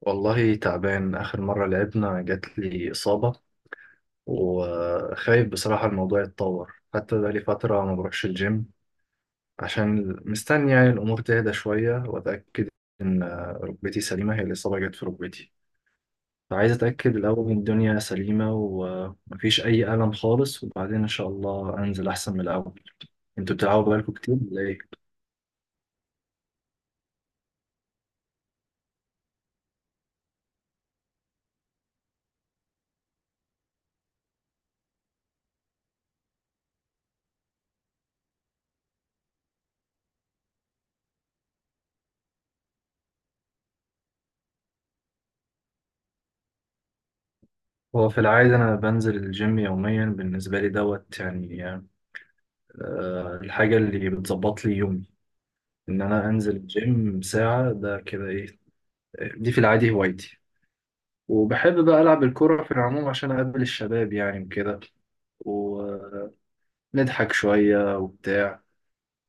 والله تعبان. آخر مرة لعبنا جات لي إصابة، وخايف بصراحة الموضوع يتطور، حتى بقالي فترة ما بروحش الجيم عشان مستني يعني الأمور تهدى شوية وأتأكد إن ركبتي سليمة. هي الإصابة جت في ركبتي، فعايز أتأكد الأول إن الدنيا سليمة ومفيش أي ألم خالص، وبعدين إن شاء الله أنزل أحسن من الأول. انتوا بتلعبوا بقالكم كتير ولا ايه؟ هو في العادة أنا بنزل الجيم يوميا، بالنسبة لي دوت يعني. آه، الحاجة اللي بتظبط لي يومي ان انا انزل الجيم ساعة ده كده ايه. دي في العادي هوايتي، وبحب بقى العب الكرة في العموم عشان اقابل الشباب يعني وكده، ونضحك شوية وبتاع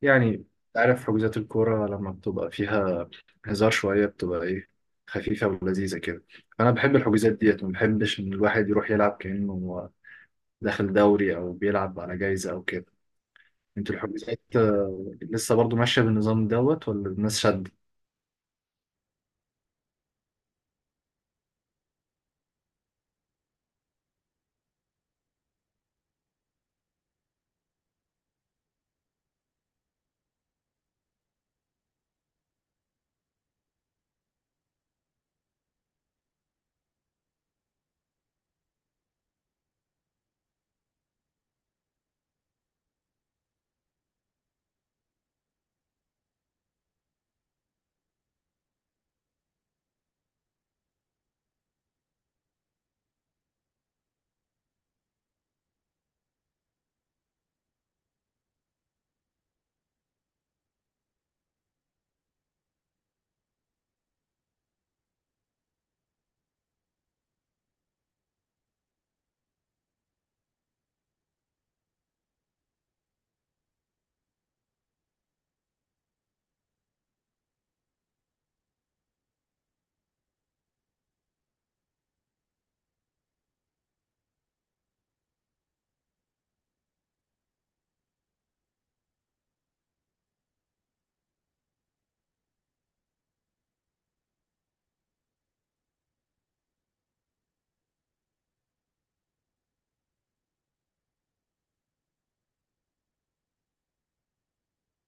يعني. عارف حجوزات الكرة لما بتبقى فيها هزار شوية بتبقى ايه، خفيفة ولذيذة كده. انا بحب الحجوزات ديت، ما بحبش ان الواحد يروح يلعب كأنه داخل دوري او بيلعب على جايزة او كده. انت الحجوزات لسه برضو ماشية بالنظام دوت، ولا الناس شد؟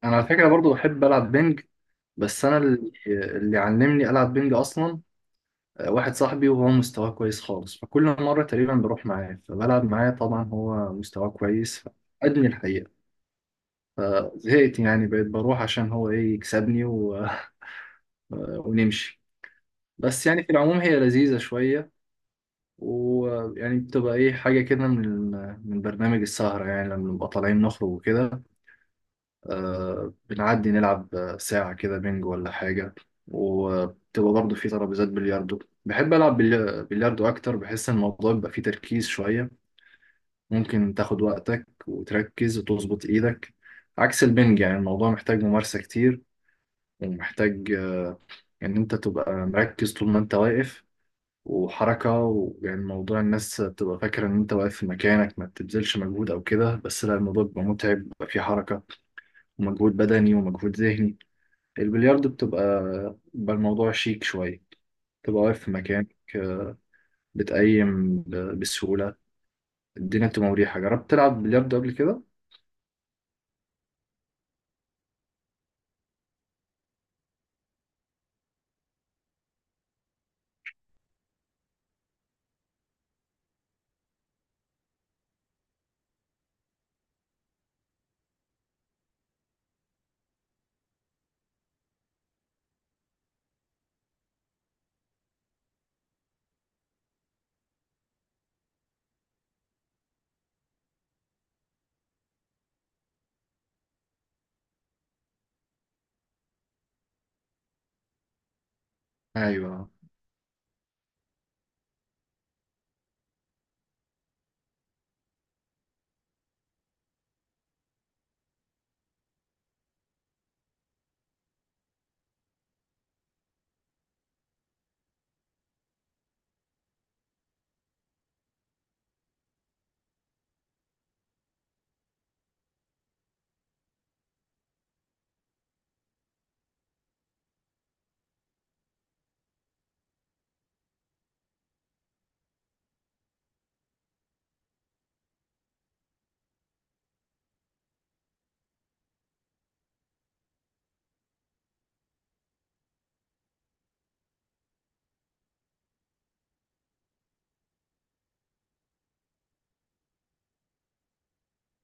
انا على فكرة برضو بحب العب بينج، بس انا اللي علمني العب بينج اصلا واحد صاحبي، وهو مستواه كويس خالص. فكل مره تقريبا بروح معاه فبلعب معاه، طبعا هو مستواه كويس فادني الحقيقه. فزهقت يعني، بقيت بروح عشان هو ايه، يكسبني و... ونمشي. بس يعني في العموم هي لذيذه شويه، ويعني بتبقى ايه، حاجه كده من من برنامج السهره يعني، لما نبقى طالعين نخرج وكده بنعدي نلعب ساعة كده بينج ولا حاجة. وبتبقى برضه في ترابيزات بلياردو، بحب ألعب بلياردو أكتر، بحس إن الموضوع بيبقى فيه تركيز شوية، ممكن تاخد وقتك وتركز وتظبط إيدك عكس البنج. يعني الموضوع محتاج ممارسة كتير، ومحتاج إن أنت تبقى مركز طول ما أنت واقف وحركة. ويعني موضوع الناس بتبقى فاكرة إن أنت واقف في مكانك ما بتبذلش مجهود أو كده، بس لا، الموضوع بيبقى متعب، بيبقى فيه حركة ومجهود بدني ومجهود ذهني. البلياردو بتبقى، بيبقى الموضوع شيك شوية، تبقى واقف في مكانك، بسهولة، الدنيا بتبقى مريحة. جربت تلعب بلياردو قبل كده؟ أيوة.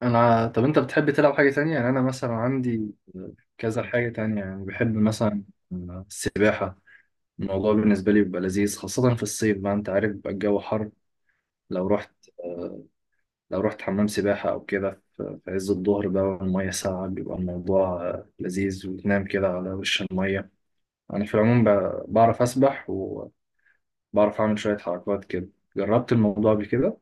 أنا طب أنت بتحب تلعب حاجة تانية؟ يعني أنا مثلا عندي كذا حاجة تانية، يعني بحب مثلا السباحة. الموضوع بالنسبة لي بيبقى لذيذ، خاصة في الصيف بقى. أنت عارف بيبقى الجو حر، لو رحت لو رحت حمام سباحة أو كده في في عز الظهر بقى، والمية ساقعة، بيبقى الموضوع لذيذ، وتنام كده على وش المية. أنا في العموم بعرف أسبح، وبعرف أعمل شوية حركات كده. جربت الموضوع قبل كده.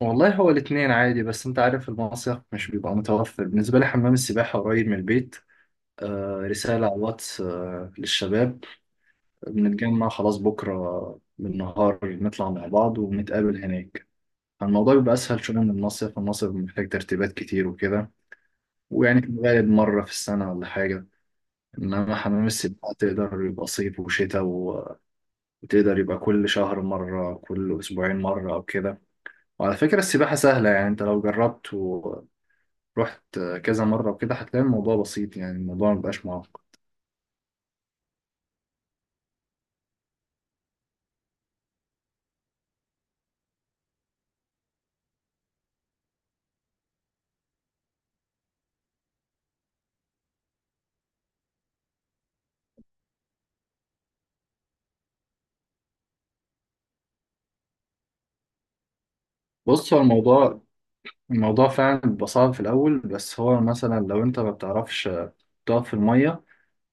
والله هو الاتنين عادي، بس أنت عارف المصيف مش بيبقى متوفر، بالنسبة لي حمام السباحة قريب من البيت. آه، رسالة على الواتس للشباب، بنتجمع خلاص بكرة بالنهار نطلع مع بعض ونتقابل هناك. الموضوع بيبقى أسهل شوية من المصيف، المصيف محتاج ترتيبات كتير وكده، ويعني في الغالب مرة في السنة ولا حاجة. إنما حمام السباحة تقدر يبقى صيف وشتاء، وتقدر يبقى كل شهر مرة، كل أسبوعين مرة أو كده. وعلى فكرة السباحة سهلة، يعني أنت لو جربت ورحت كذا مرة وكده هتلاقي الموضوع بسيط، يعني الموضوع مبقاش معقد. بص هو الموضوع فعلا بيبقى صعب في الأول، بس هو مثلا لو أنت ما بتعرفش تقف في المية،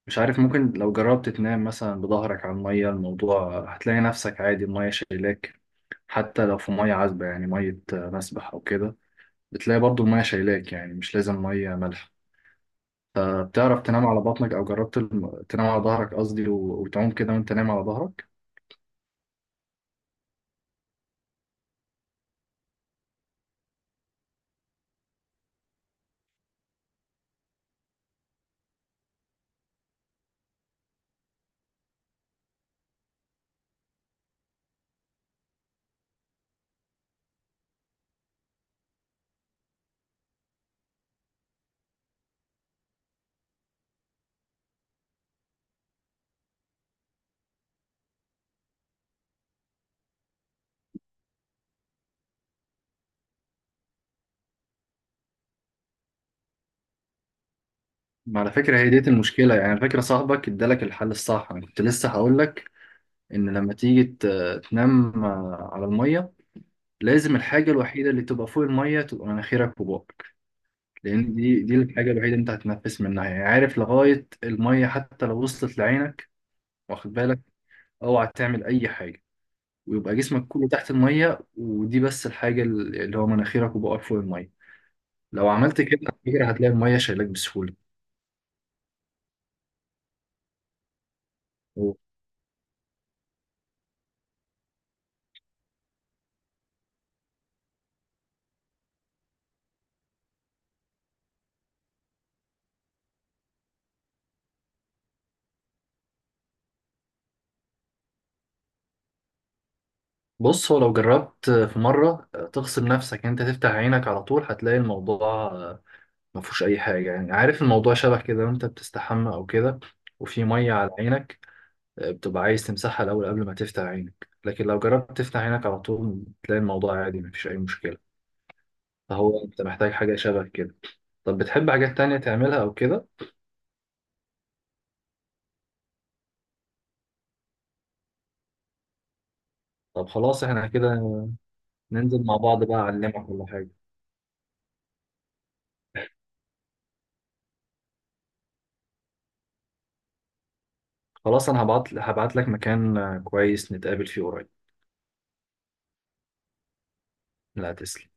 مش عارف، ممكن لو جربت تنام مثلا بظهرك على المية، الموضوع هتلاقي نفسك عادي، المية شايلاك. حتى لو في مية عذبة يعني، مية مسبح أو كده، بتلاقي برضو المية شايلاك، يعني مش لازم مية مالحة. بتعرف تنام على بطنك، او جربت تنام على ظهرك قصدي، وتعوم كده وانت نايم على ظهرك؟ ما على فكره هي ديت المشكله، يعني على فكره صاحبك ادالك الحل الصح، انا كنت لسه هقول لك ان لما تيجي تنام على الميه، لازم الحاجه الوحيده اللي تبقى فوق الميه تبقى مناخيرك وبقك، لان دي الحاجه الوحيده اللي انت هتتنفس منها، يعني عارف، لغايه الميه حتى لو وصلت لعينك، واخد بالك، اوعى تعمل اي حاجه، ويبقى جسمك كله تحت الميه، ودي بس الحاجه اللي هو مناخيرك وبقك فوق الميه. لو عملت كده على فكرة هتلاقي المية شايلاك بسهولة. بص هو لو جربت في مرة تغصب نفسك إن انت تفتح عينك على طول، هتلاقي الموضوع ما فيهوش اي حاجة، يعني عارف الموضوع شبه كده وانت بتستحمى او كده وفي مية على عينك، بتبقى عايز تمسحها الاول قبل ما تفتح عينك، لكن لو جربت تفتح عينك على طول تلاقي الموضوع عادي ما فيش اي مشكلة، فهو انت محتاج حاجة شبه كده. طب بتحب حاجات تانية تعملها او كده؟ طب خلاص احنا كده ننزل مع بعض بقى اعلمك كل حاجة. خلاص انا هبعت، هبعت لك مكان كويس نتقابل فيه قريب. لا تسلم.